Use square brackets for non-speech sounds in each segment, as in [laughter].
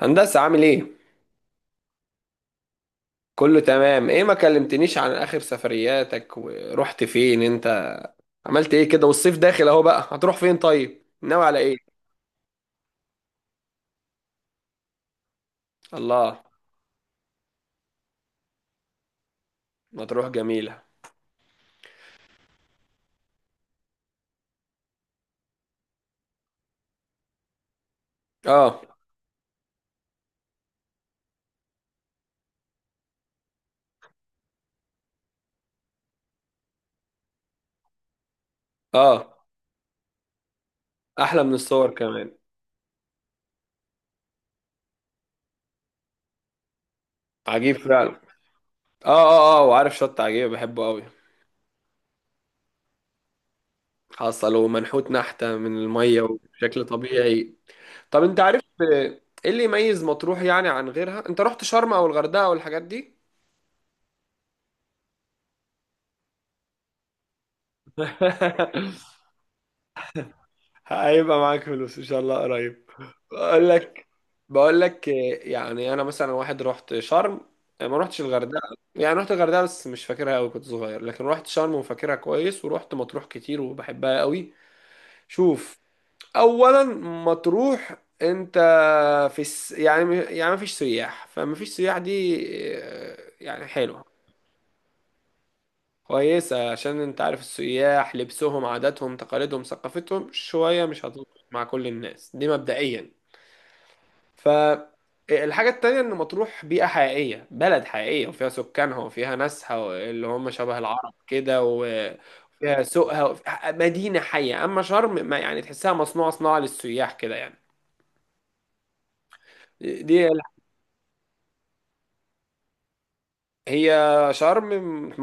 هندسة عامل ايه؟ كله تمام. ايه ما كلمتنيش عن اخر سفرياتك ورحت فين انت، عملت ايه كده والصيف داخل اهو؟ بقى هتروح فين؟ طيب ناوي على ايه؟ الله، مطروح جميلة. اه. اه، احلى من الصور كمان. عجيب فعلا. اه اه اه، وعارف شط عجيب، بحبه قوي. حصل، ومنحوت نحتة من المية وبشكل طبيعي. طب انت عارف ايه اللي يميز مطروح يعني عن غيرها؟ انت رحت شرم او الغردقة او الحاجات دي؟ [laughs] هيبقى معاك فلوس ان شاء الله قريب. بقول لك، بقول لك يعني انا مثلا واحد رحت شرم، ما رحتش الغردقه. يعني رحت الغردقه بس مش فاكرها قوي، كنت صغير، لكن رحت شرم وفاكرها كويس، ورحت مطروح كتير وبحبها قوي. شوف، اولا، مطروح انت يعني ما فيش سياح، فما فيش سياح دي إيه، يعني حلوه. كويسه، عشان انت عارف السياح لبسهم عاداتهم تقاليدهم ثقافتهم شويه مش هتظبط مع كل الناس دي مبدئيا. فالحاجة التانية إن مطروح بيئة حقيقية، بلد حقيقية وفيها سكانها وفيها ناسها اللي هم شبه العرب كده، وفيها سوقها مدينة حية، أما شرم ما يعني تحسها مصنوعة صناعة للسياح كده يعني. دي هي. شرم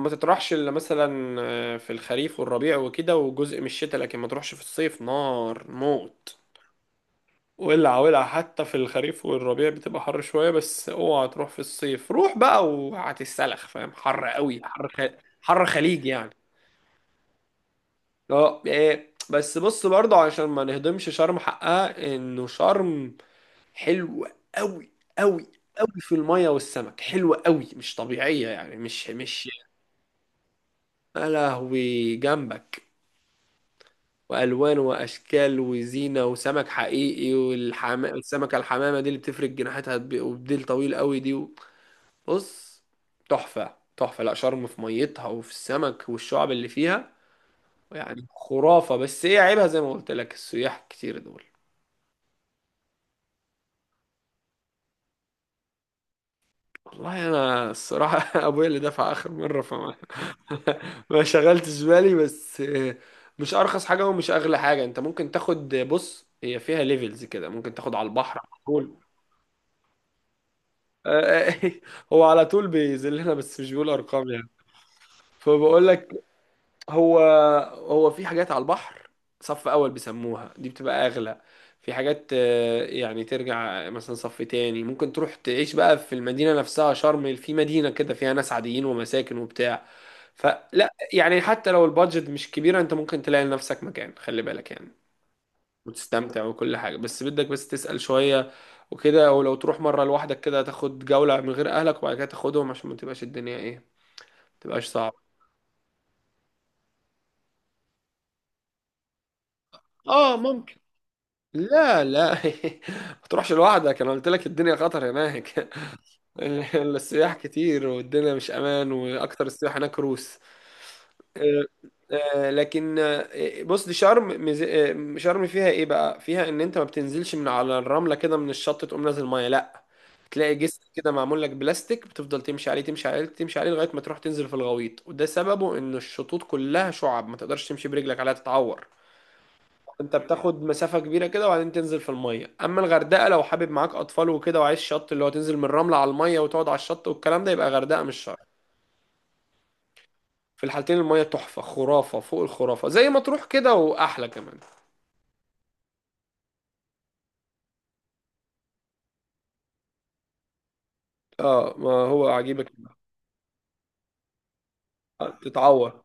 ما تطرحش إلا مثلا في الخريف والربيع وكده وجزء من الشتاء، لكن ما تروحش في الصيف، نار موت. ولع ولع. حتى في الخريف والربيع بتبقى حر شوية، بس اوعى تروح في الصيف، روح بقى وهتتسلخ. فاهم؟ حر قوي، حر خليج يعني. اه إيه. بس بص برضه عشان ما نهضمش شرم حقها، انه شرم حلوة قوي، قوي قوي في المية والسمك، حلوة قوي، مش طبيعية يعني، مش يا لهوي جنبك والوان واشكال وزينه وسمك حقيقي، السمكه الحمامه دي اللي بتفرق جناحاتها وبديل طويل قوي دي. بص، تحفة تحفة. لا شرم في ميتها وفي السمك والشعب اللي فيها، يعني خرافة، بس ايه عيبها؟ زي ما قلت لك، السياح كتير دول. والله انا الصراحة [laughs] ابويا اللي دفع اخر مرة فما [laughs] ما شغلتش بالي، بس مش ارخص حاجة ومش اغلى حاجة. انت ممكن تاخد، بص، هي فيها ليفلز كده، ممكن تاخد على البحر على طول. [laughs] هو على طول بيذلنا بس مش بيقول ارقام يعني. فبقول لك، هو هو في حاجات على البحر صف اول، بيسموها دي، بتبقى اغلى. في حاجات يعني ترجع مثلا صف تاني. ممكن تروح تعيش بقى في المدينة نفسها، شرم في مدينة كده فيها ناس عاديين ومساكن وبتاع. فلا يعني، حتى لو البادجت مش كبيرة، انت ممكن تلاقي لنفسك مكان، خلي بالك يعني، وتستمتع وكل حاجة، بس بدك بس تسأل شوية وكده. ولو تروح مرة لوحدك كده تاخد جولة من غير اهلك وبعد كده تاخدهم، عشان ما تبقاش الدنيا ايه، ما تبقاش صعبة. اه ممكن. لا لا [laughs] ما تروحش لوحدك، انا قلت لك الدنيا خطر هناك. [laughs] السياح كتير والدنيا مش امان، واكتر السياح هناك روس. آه، آه، لكن آه، بص، دي شرم، شرم فيها ايه بقى؟ فيها ان انت ما بتنزلش من على الرمله كده من الشط تقوم نازل ميه، لا، تلاقي جسر كده معمول لك بلاستيك، بتفضل تمشي عليه تمشي عليه تمشي عليه لغايه ما تروح تنزل في الغويط، وده سببه ان الشطوط كلها شعب، ما تقدرش تمشي برجلك عليها تتعور. انت بتاخد مسافة كبيرة كده وبعدين تنزل في المية. اما الغردقة، لو حابب معاك اطفال وكده وعايز شط اللي هو تنزل من الرملة على المية وتقعد على الشط والكلام ده، يبقى غردقة مش شرم. في الحالتين المية تحفة، خرافة فوق الخرافة زي ما تروح كده واحلى كمان. اه، ما هو عجيبك. تتعور.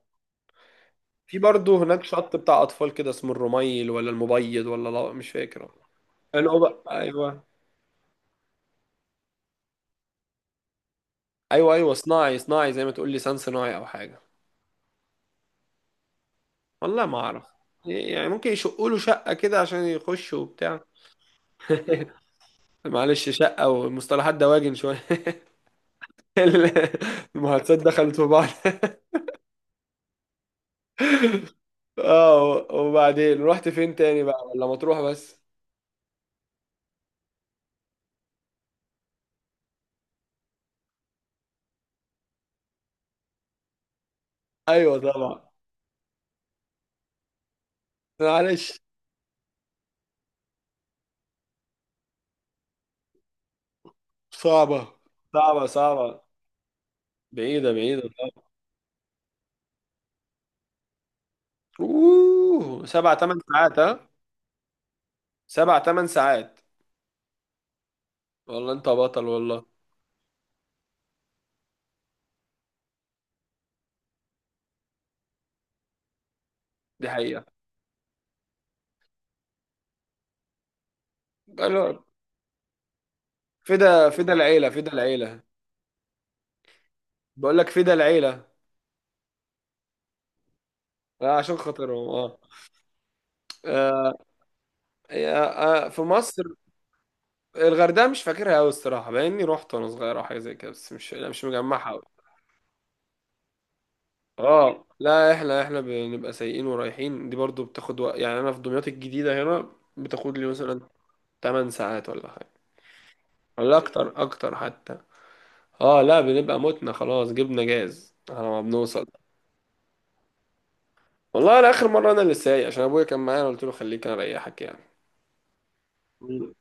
في برضه هناك شط بتاع اطفال كده اسمه الرميل ولا المبيض، ولا لا مش فاكر. حلو بقى، ايوه، ايوه ايوه، صناعي صناعي، زي ما تقول لسان صناعي او حاجة. والله ما اعرف. يعني ممكن يشقوا له شقة كده عشان يخشوا وبتاع. [laughs] معلش، شقة ومصطلحات دواجن شوية. [laughs] المحادثات دخلت في بعض. [laughs] اه، وبعدين رحت فين تاني بقى، ولا مطروح بس؟ ايوه طبعا. معلش. صعبة، صعبة صعبة. بعيدة، بعيدة طبعا. اوه، سبع تمن ساعات ها. سبع تمن ساعات. والله انت بطل والله. دي حقيقة. قالوا فدا، فدا العيلة، فدا العيلة. بقول لك، فدا العيلة. عشان خاطرهم اه. آه، في مصر. الغردقة مش فاكرها أوي الصراحة، بما إني رحت وأنا صغير أو حاجة زي كده، بس مش، لا مش مجمعها أوي. اه لا، احنا بنبقى سايقين ورايحين، دي برضو بتاخد وقت يعني. أنا في دمياط الجديدة هنا بتاخد لي مثلا 8 ساعات ولا حاجة، ولا أكتر، أكتر حتى. اه لا، بنبقى متنا خلاص، جبنا جاز على ما بنوصل. والله أنا آخر مرة أنا اللي سايق، عشان أبويا كان معايا أنا قلت له خليك أنا أريحك يعني.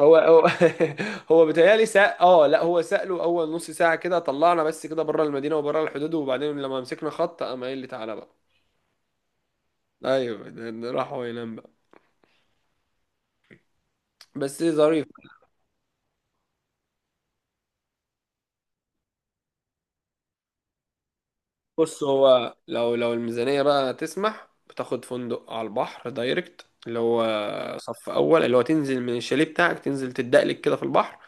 هو [laughs] هو بيتهيألي اه لا، هو سأله اول نص ساعة كده، طلعنا بس كده بره المدينة وبره الحدود، وبعدين لما مسكنا خط قام قايل لي تعالى بقى. ايوه، ده راح هو ينام بقى. بس ظريف. بص، هو لو الميزانية بقى تسمح، بتاخد فندق على البحر دايركت، اللي هو صف اول، اللي هو تنزل من الشاليه بتاعك تنزل تدقلك كده في البحر،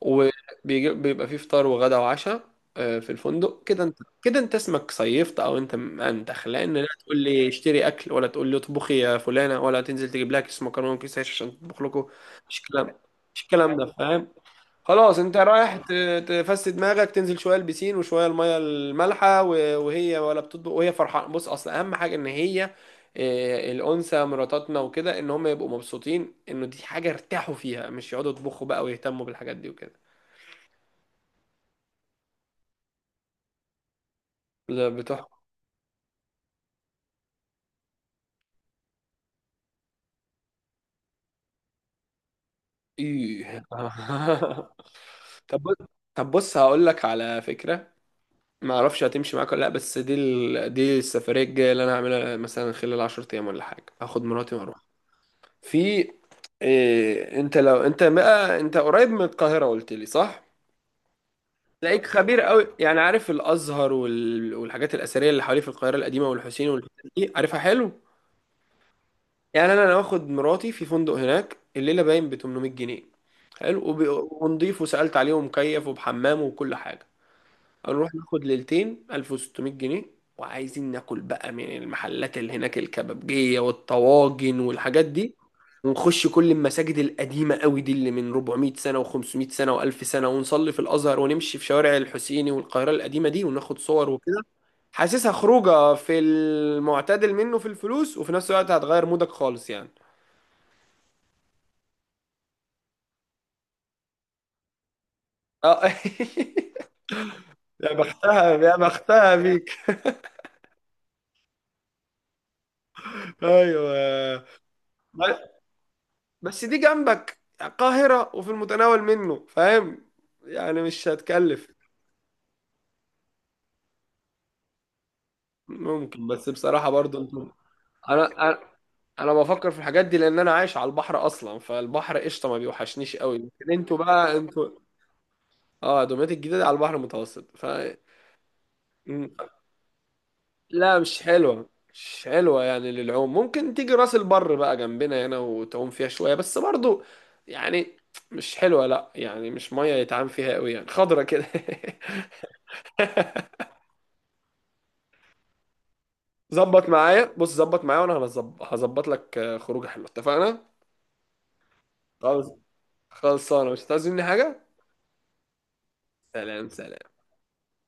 وبيبقى فيه فطار وغدا وعشاء في الفندق كده. انت كده انت اسمك صيفت او انت منتخ، لان لا تقول لي اشتري اكل ولا تقول لي اطبخي يا فلانه ولا تنزل تجيب لها كيس مكرونه وكيس عيش عشان تطبخ لكم. مش كلام، مش الكلام ده، فاهم. خلاص انت رايح تفسد دماغك، تنزل شويه البسين وشويه الميه المالحه، وهي ولا بتطبخ وهي فرحانه. بص اصل اهم حاجه ان هي، الانثى مراتاتنا وكده، ان هم يبقوا مبسوطين انه دي حاجه ارتاحوا فيها، مش يقعدوا يطبخوا بقى ويهتموا بالحاجات دي وكده. لا، بتحفة. ايه [laughs] طب بص- طب بص، هقول لك على فكرة، ما اعرفش هتمشي معاك ولا لا، بس دي السفرية الجاية اللي انا هعملها مثلا خلال 10 ايام ولا حاجة، هاخد مراتي واروح في انت لو انت بقى، انت قريب من القاهرة قلت لي صح؟ تلاقيك خبير قوي يعني، عارف الازهر والحاجات الاثرية اللي حواليه في القاهرة القديمة والحسين والحتت دي، عارفها حلو؟ يعني انا، واخد مراتي في فندق هناك، الليله باين ب 800 جنيه، حلو ونضيف وسالت عليه ومكيف وبحمام وكل حاجه. هنروح ناخد ليلتين، 1600 جنيه. وعايزين ناكل بقى من المحلات اللي هناك، الكبابجيه والطواجن والحاجات دي، ونخش كل المساجد القديمه قوي دي اللي من 400 سنه و500 سنه و1000 سنه، ونصلي في الازهر ونمشي في شوارع الحسيني والقاهره القديمه دي وناخد صور وكده. حاسسها خروجه في المعتدل منه في الفلوس، وفي نفس الوقت هتغير مودك خالص يعني. اه [laughs] يا بختها، يا بختها بيك. ايوه ب- بس دي جنبك القاهرة وفي المتناول منه، فاهم، يعني مش هتكلف. ممكن، بس بصراحة برضو انتم، انا انا انا بفكر في الحاجات دي لان انا عايش على البحر اصلا، فالبحر قشطة ما بيوحشنيش قوي، لكن انتوا بقى انتوا. اه، دمياط الجديدة دي على البحر المتوسط ف... لا مش حلوة، مش حلوة يعني للعوم. ممكن تيجي راس البر بقى جنبنا هنا وتعوم فيها شوية، بس برضو يعني مش حلوة، لا يعني مش مية يتعام فيها قوي يعني، خضرة كده. [laughs] ظبط معايا، بص ظبط معايا وانا هظبط لك خروجه حلوه. اتفقنا؟ خلاص، خلصانة، مش هتعوز مني حاجة. سلام، سلام.